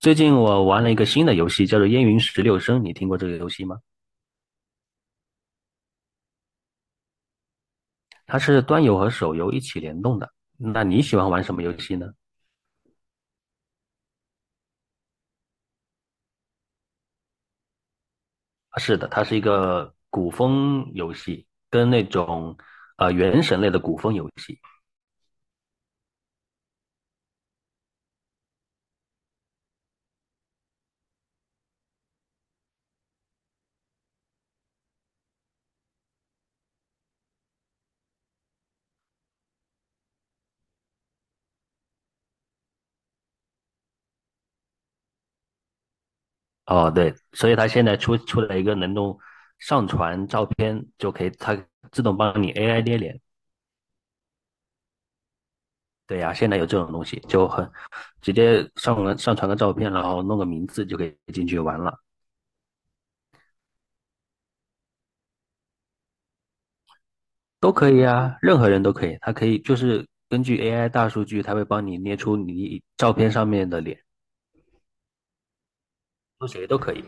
最近我玩了一个新的游戏，叫做《烟云十六声》，你听过这个游戏吗？它是端游和手游一起联动的。那你喜欢玩什么游戏呢？啊是的，它是一个古风游戏，跟那种原神类的古风游戏。哦，对，所以它现在出了一个能够上传照片就可以，它自动帮你 AI 捏脸。对呀、现在有这种东西，就很直接上传个照片，然后弄个名字就可以进去玩了。都可以啊，任何人都可以，它可以就是根据 AI 大数据，它会帮你捏出你照片上面的脸，说谁都可以。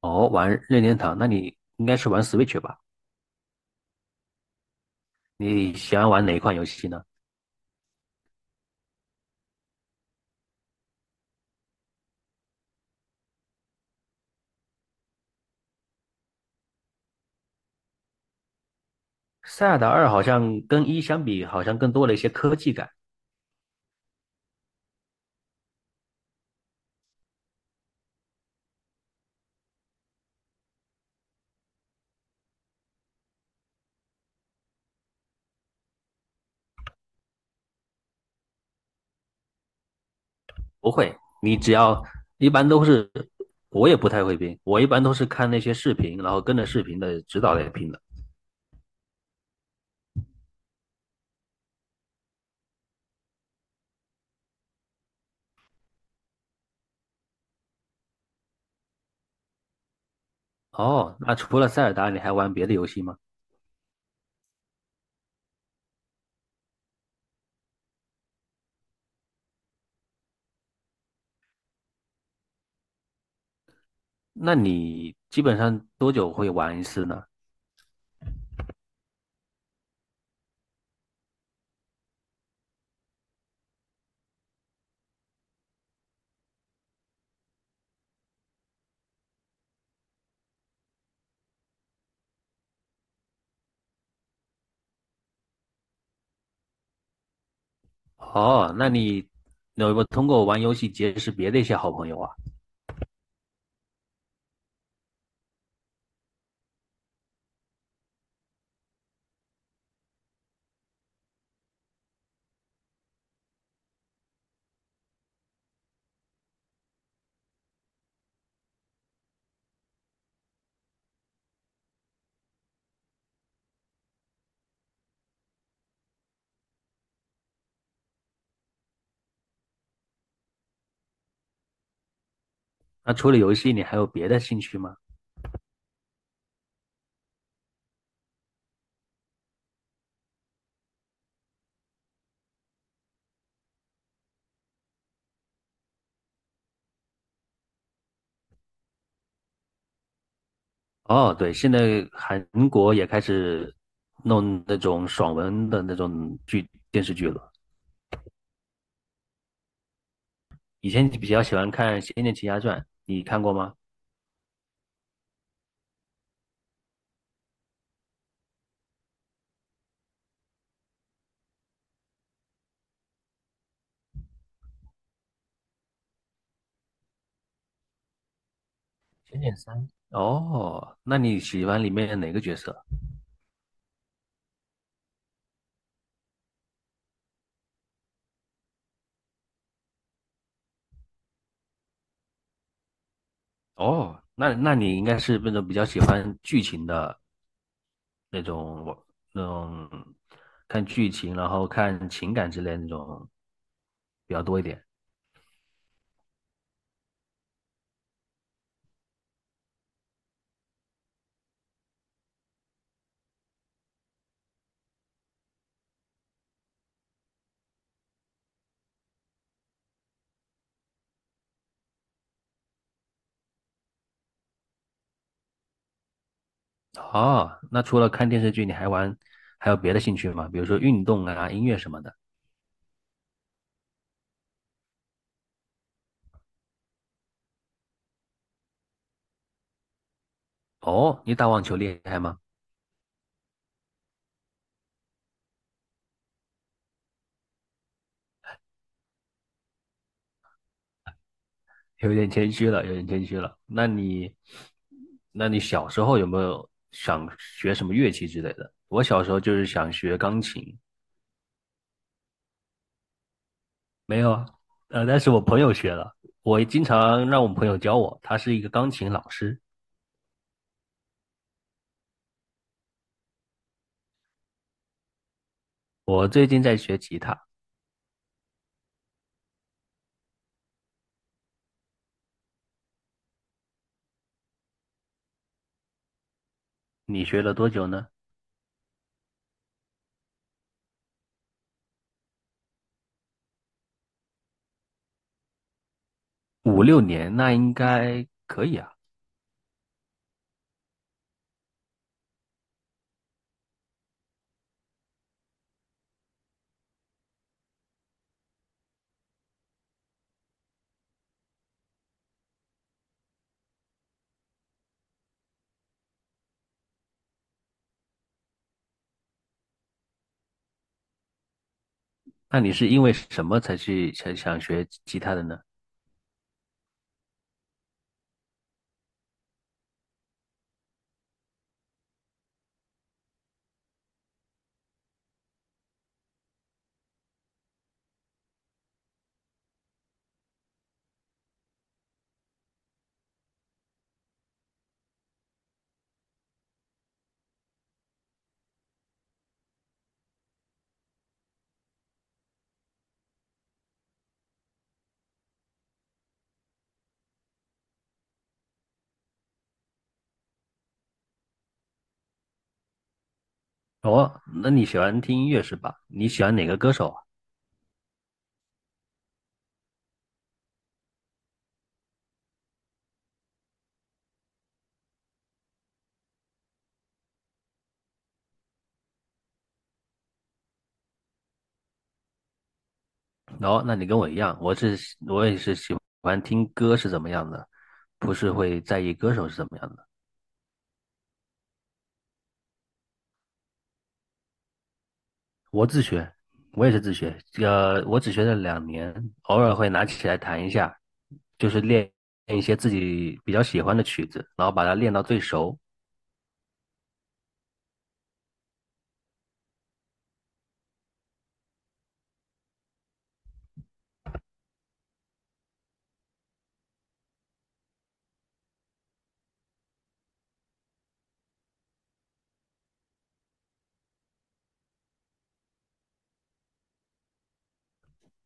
哦，玩任天堂，那你应该是玩 Switch 吧？你喜欢玩哪一款游戏呢？塞尔达二好像跟一相比，好像更多了一些科技感。不会，你只要一般都是，我也不太会拼，我一般都是看那些视频，然后跟着视频的指导来拼的。哦，那除了塞尔达，你还玩别的游戏吗？那你基本上多久会玩一次呢？哦，那你有没有通过玩游戏结识别的一些好朋友啊？那除了游戏，你还有别的兴趣吗？哦，对，现在韩国也开始弄那种爽文的那种电视剧了。以前比较喜欢看《仙剑奇侠传》，你看过吗？仙剑三，哦，那你喜欢里面哪个角色？哦，那你应该是那种比较喜欢剧情的那种那种看剧情，然后看情感之类的那种比较多一点。哦，那除了看电视剧，你还有别的兴趣吗？比如说运动啊、音乐什么的。哦，你打网球厉害吗？有点谦虚了，有点谦虚了。那你小时候有没有想学什么乐器之类的？我小时候就是想学钢琴，没有啊，但是我朋友学了，我经常让我朋友教我，他是一个钢琴老师。我最近在学吉他，你学了多久呢？五六年，那应该可以啊。那你是因为什么才去才想学吉他的呢？哦，那你喜欢听音乐是吧？你喜欢哪个歌手啊？哦，那你跟我一样，我是我也是喜欢听歌是怎么样的，不是会在意歌手是怎么样的。我自学，我也是自学，我只学了两年，偶尔会拿起来弹一下，就是练一些自己比较喜欢的曲子，然后把它练到最熟。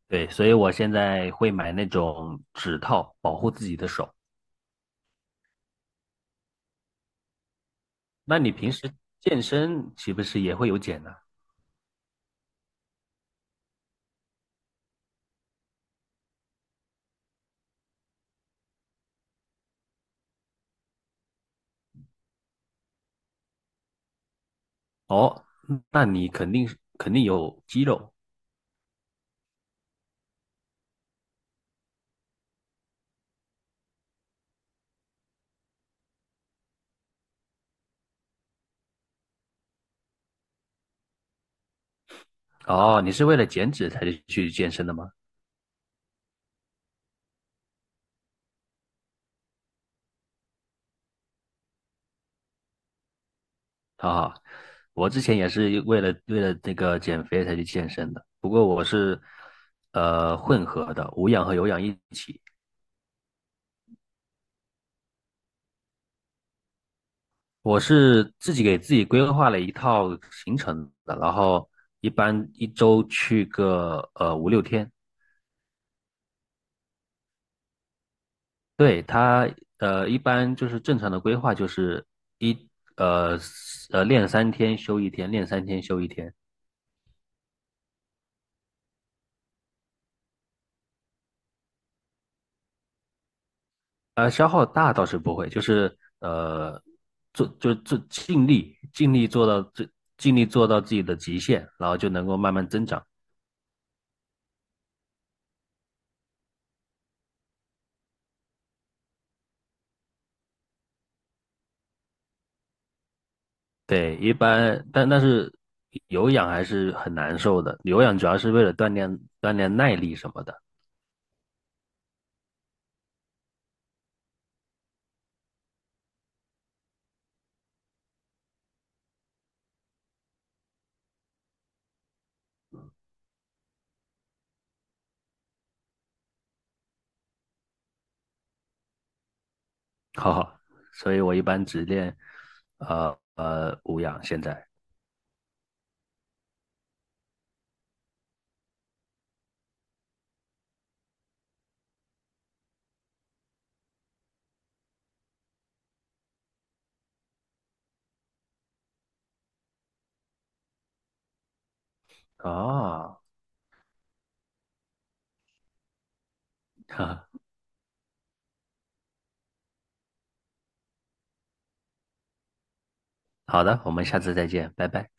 对，所以我现在会买那种指套保护自己的手。那你平时健身岂不是也会有减呢、哦，那你肯定有肌肉哦。你是为了减脂才去健身的吗？啊，我之前也是为了这个减肥才去健身的，不过我是混合的，无氧和有氧一起。我是自己给自己规划了一套行程的，然后一般一周去个五六天。对，他一般就是正常的规划就是一呃练三天休一天，练三天休一天。消耗大倒是不会，就是做就做尽力尽力做到最尽力做到自己的极限，然后就能够慢慢增长。对，一般但是有氧还是很难受的，有氧主要是为了锻炼耐力什么的，哈哈。所以我一般只练无氧现在啊。哈，好的，我们下次再见，拜拜。